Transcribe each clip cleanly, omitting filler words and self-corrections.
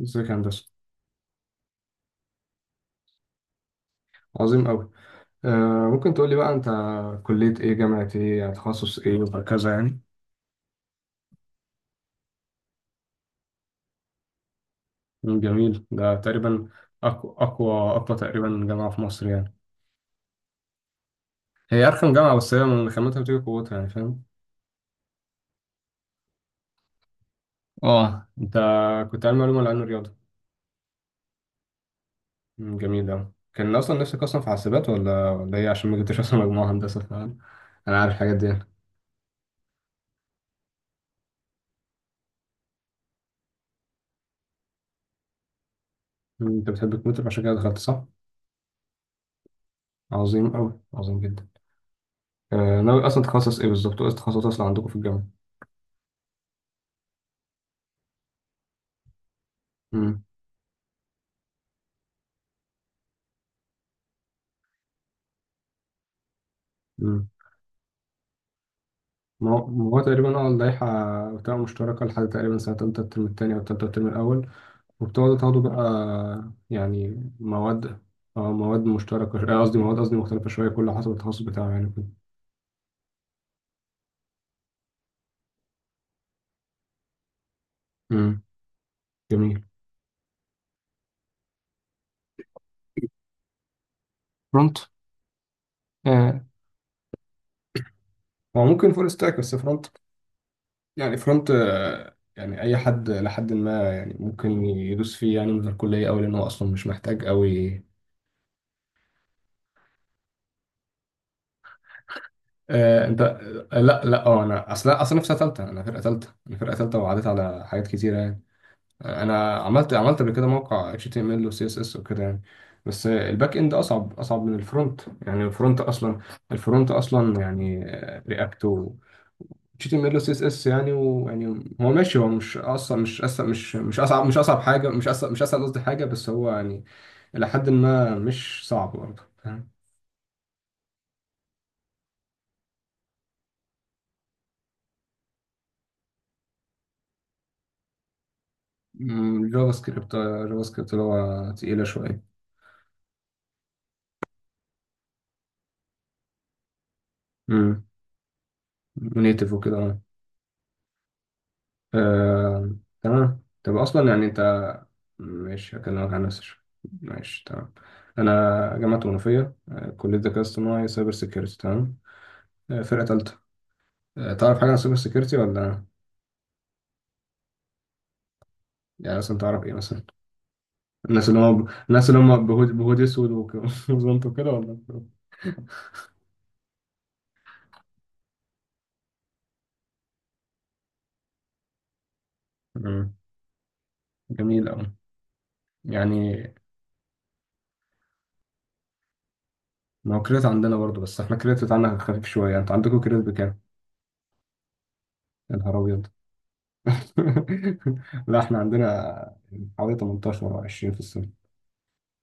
ازيك يا هندسة؟ عظيم أوي. ممكن تقول لي بقى أنت كلية إيه، جامعة إيه، يعني تخصص إيه وهكذا يعني. جميل. ده تقريبا أقوى أقوى أقوى تقريبا جامعة في مصر يعني. هي أرخم جامعة بس هي من خامتها بتيجي قوتها، يعني فاهم. اه، أنت كنت علمي علوم ولا علم رياضة؟ جميل أوي. كان أصلا نفسك أصلا في حاسبات ولا إيه؟ عشان ما جبتش أصلا مجموعة هندسة، فاهم. أنا عارف الحاجات دي يعني. أنت بتحب الكمبيوتر عشان كده دخلت، صح؟ عظيم أوي، عظيم جدا. ناوي أصلا تخصص إيه بالظبط، وإيه التخصصات أصلا عندكم في الجامعة؟ مم. ما هو تقريبا اللائحة بتبقى مشتركة لحد تقريبا سنة تالتة الترم التاني أو تالتة الترم الأول، وبتقعدوا تاخدوا بقى يعني مواد. اه، مواد مشتركة قصدي مواد، قصدي مختلفة شوية كل حسب التخصص بتاعه يعني كده. مم. جميل. فرونت. آه، هو ممكن فول ستاك بس فرونت يعني. فرونت، يعني أي حد لحد ما، يعني ممكن يدوس فيه يعني من الكلية أوي، لأن هو أصلا مش محتاج أوي. آه انت آه، لا لا، انا اصلا في سنه ثالثه، انا فرقه ثالثه، وعديت على حاجات كتيره يعني. انا عملت قبل كده موقع اتش تي ام ال وسي اس اس وكده يعني. بس الباك اند اصعب من الفرونت، يعني الفرونت اصلا. الفرونت اصلا يعني رياكت و اتش تي ام ال وسي اس اس يعني ويعني. هو ماشي، هو مش اصلا مش أصلا مش مش اصعب مش اصعب حاجه مش اصعب مش اسهل قصدي حاجه، بس هو يعني الى حد ما مش صعب برضه، فاهم. جافا سكريبت، جافا سكريبت اللي هو تقيله شويه. مم. نيتف وكده، اه. آه، تمام. طب اصلا يعني انت... ماشي، هكلمك عن نفسي شوية. ماشي تمام. انا جامعه منوفيه، كليه ذكاء اصطناعي سايبر سيكيورتي، تمام. فرقه ثالثه. تعرف حاجه عن سايبر سيكيورتي ولا؟ يعني مثلا تعرف ايه مثلا؟ الناس اللي هم بهود اسود وزنط وكده ولا؟ مم. جميل قوي. يعني ما هو كريت عندنا برضه، بس احنا كريت بتاعنا خفيف شويه. انت عندكم كريت بكام؟ يا نهار ابيض. لا احنا عندنا حوالي 18 او 20 في السنة.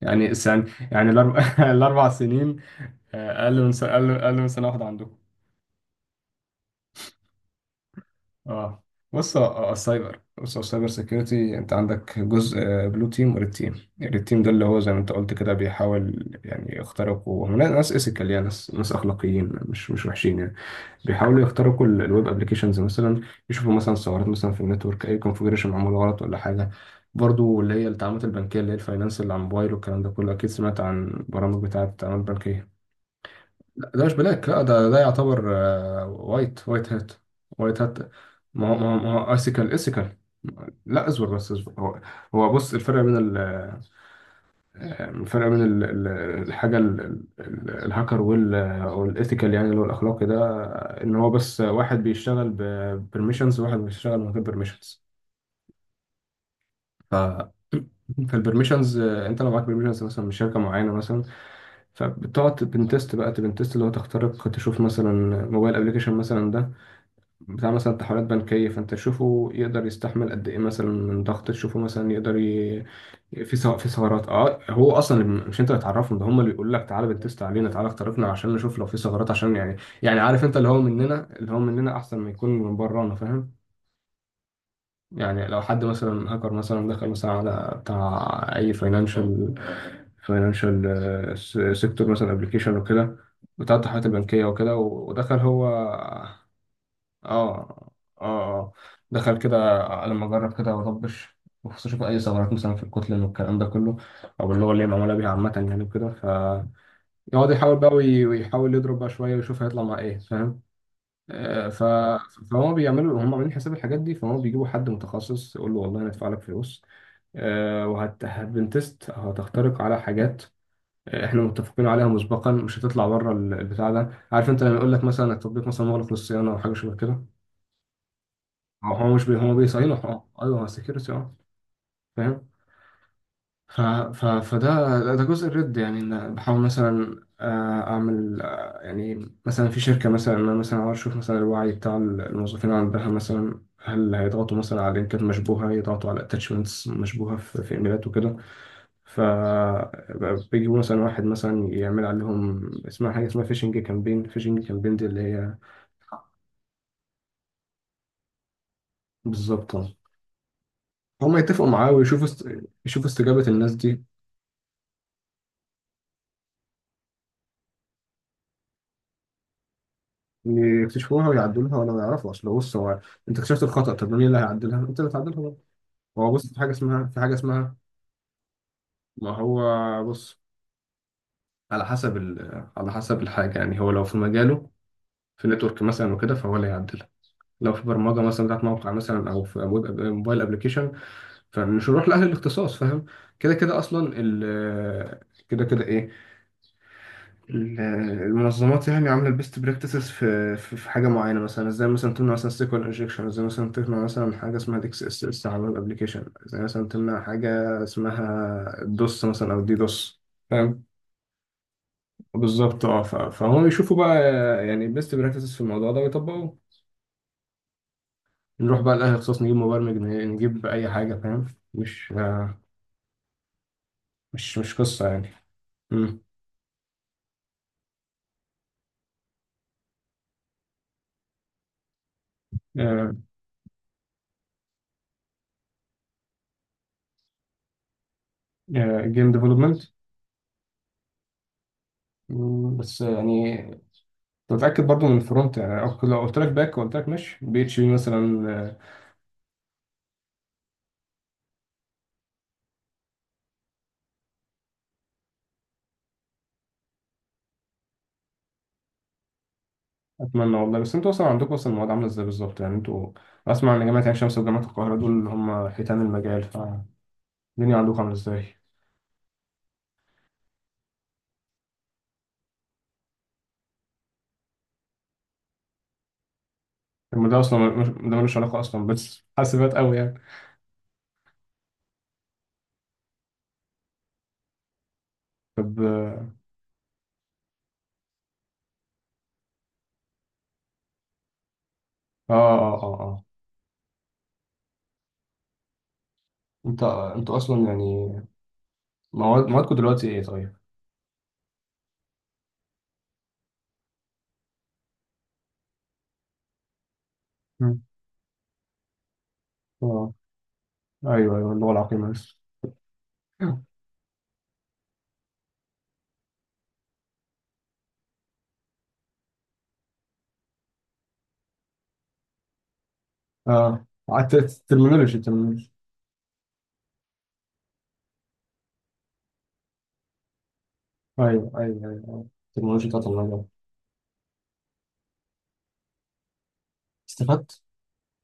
يعني السنة، يعني الاربع الاربع سنين. اقل من سنة، أقل من سنة واحدة عندكم. اه. بص السايبر، بص السايبر سيكيورتي. انت عندك جزء، بلو تيم وريد تيم. الريد تيم ده اللي هو زي ما انت قلت كده بيحاول يعني يخترقوا. هم ناس ايثيكال، يعني ناس اخلاقيين مش وحشين يعني. بيحاولوا يخترقوا الويب ابلكيشنز مثلا. يشوفوا مثلا ثغرات مثلا في النتورك، اي كونفجريشن معمول غلط ولا حاجه. برضو اللي هي التعاملات البنكيه، اللي هي الفاينانس اللي على الموبايل والكلام ده كله. اكيد سمعت عن برامج بتاعه التعاملات البنكيه. لا، ده مش بلاك. لا، ده يعتبر وايت وايت هات. وايت هات. ما هو اسيكال اسيكال. لا، اصبر بس، اصبر. هو... هو بص، الفرق بين الفرق بين ال- ال- الحاجه ال- الهاكر وال والايثيكال، يعني اللي هو الاخلاقي ده، ان هو بس واحد بيشتغل ببرميشنز وواحد بيشتغل من غير برميشنز. ف فالبرميشنز، انت لو معاك برميشنز مثلا من شركه معينه مثلا، فبتقعد تبنتست بقى. تبنتست اللي هو تخترق، تشوف مثلا موبايل ابلكيشن مثلا ده بتاع مثلا تحويلات بنكية، فأنت تشوفه يقدر يستحمل قد إيه مثلا من ضغط، تشوفه مثلا يقدر ي... في سو... في ثغرات. أه، هو أصلا مش أنت اللي تعرفهم، ده هم اللي بيقول لك تعالى بتست علينا، تعالى اخترقنا عشان نشوف لو في ثغرات عشان يعني... يعني عارف أنت اللي هو مننا، اللي هو مننا أحسن ما يكون من برانا، فاهم. يعني لو حد مثلا هاكر مثلا دخل مثلا على بتاع أي فاينانشال سيكتور مثلا، ابلكيشن وكده بتاع التحويلات البنكية وكده، ودخل هو. اه اه، اه. دخل كده، لما اجرب كده واطبش بخصوص اشوف اي ثغرات مثلا في الكتلة والكلام ده كله، او اللي هو اللي هي معموله بيها عامه يعني وكده، ف... يقعد يحاول بقى ويحاول يضرب بقى شويه، ويشوف هيطلع مع ايه، فاهم. ف فهم بيعملوا، هم عاملين حساب الحاجات دي، فهم بيجيبوا حد متخصص يقول له والله هندفع لك فلوس. وهت هتبنتست هتخترق على حاجات احنا متفقين عليها مسبقا، مش هتطلع بره البتاع ده، عارف انت لما يقول لك مثلا التطبيق مثلا مغلق للصيانه او حاجه شبه كده. هو هو مش بي... هو بيصينه، اه ايوه هو سكيورتي، اه. فاهم. ف... ف... فده ده جزء الرد، يعني ان بحاول مثلا اعمل يعني مثلا في شركه مثلا، إن انا مثلا عاوز اشوف مثلا الوعي بتاع الموظفين عندها مثلا، هل هيضغطوا مثلا على لينكات مشبوهه، يضغطوا على اتاتشمنتس مشبوهه في ايميلات وكده. ف بيجيبوا مثلا واحد مثلا يعمل عليهم، اسمها حاجه اسمها فيشنج كامبين. فيشنج كامبين دي اللي هي... بالظبط، آه. هم يتفقوا معاه ويشوفوا است... يشوفوا استجابة الناس دي. يكتشفوها ويعدلوها ولا يعرفوا، اصل بص هو، انت اكتشفت الخطأ طب مين اللي هيعدلها؟ انت اللي هتعدلها بقى. هو بص، في حاجة اسمها، في حاجة اسمها... ما هو بص، على حسب على حسب الحاجة، يعني هو لو في مجاله، في نتورك مثلا وكده فهو اللي هيعدلها. لو في برمجة مثلا بتاعت موقع مثلا، او في ويب موبايل ابلكيشن، فمش هنروح لأهل الاختصاص، فاهم. كده كده اصلا ال... كده كده ايه ال- المنظمات يعني عامله البيست براكتسز في في حاجه معينه مثلا، ازاي مثلا تمنع مثلا سيكوال انجكشن، ازاي مثلا تمنع مثلا حاجه اسمها ديكس اس اس على الويب ابلكيشن، ازاي مثلا تمنع حاجه اسمها دوس مثلا او دي دوس. فاهم. بالظبط، اه. فهم يشوفوا بقى يعني البيست براكتسز في الموضوع ده ويطبقوه. نروح بقى لاي اختصاص نجيب مبرمج نجيب اي حاجه، فاهم. مش مش قصه يعني. امم، جيم ديفلوبمنت. بس يعني متأكد برضو من الفرونت يعني، أو لو قلت لك باك وقلت لك مش بي اتش بي مثلا، أتمنى والله. بس أنتوا أصلا عندكم أصلا المواد عاملة إزاي بالظبط؟ يعني أنتوا أسمع إن جامعة عين شمس وجامعة القاهرة دول اللي هم حيتان المجال فالدنيا، عندكم عاملة إزاي؟ طب ده أصلا ده ملوش علاقة أصلا بس حاسبات أوي يعني. طب آه آه آه آه. أنت أنتوا أصلا يعني مواد موادكم دلوقتي إيه طيب؟ مم. آه. أيوه أيوه اللغة العقيمة لسه. آه، الترمينولوجي الترمينولوجي. أيوه أيوه أيوه أيوه. الترمينولوجي بتاعت المجال. استفدت،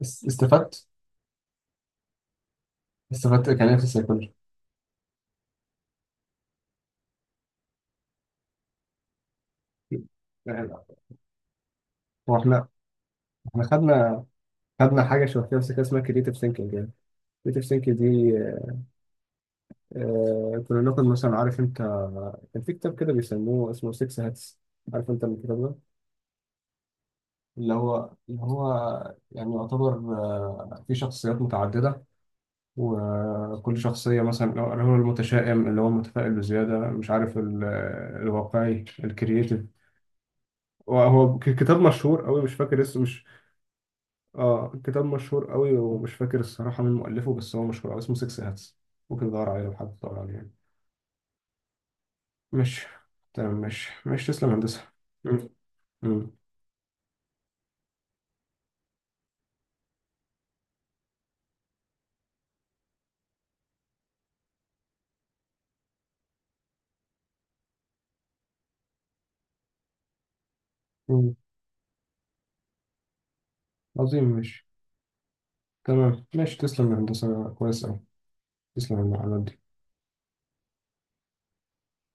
استفدت. استفدت كان إيه في السيكولوجي؟ هو احنا، احنا خدنا خدنا حاجه شبه كده بس كده اسمها كريتيف ثينكينج يعني. كريتيف ثينكينج دي، كنا ناخد مثلا، عارف انت كان في كتاب كده بيسموه اسمه 6 هاتس، عارف انت الكتاب ده. اللي هو يعني يعتبر في شخصيات متعدده، وكل شخصيه مثلا اللي هو المتشائم، اللي هو المتفائل بزياده، مش عارف الواقعي الكرييتيف. وهو كتاب مشهور قوي، مش فاكر اسمه، مش... اه كتاب مشهور قوي ومش فاكر الصراحة مين مؤلفه، بس هو مشهور قوي اسمه 6 هاتس. ممكن تدور عليه لو حد دور عليه يعني. ماشي تمام، ماشي ماشي تسلم يا هندسة. مم. مم. مم. عظيم ماشي. تمام ماشي، تسلم يا هندسة، كويس أوي. تسلم على المعلومات دي.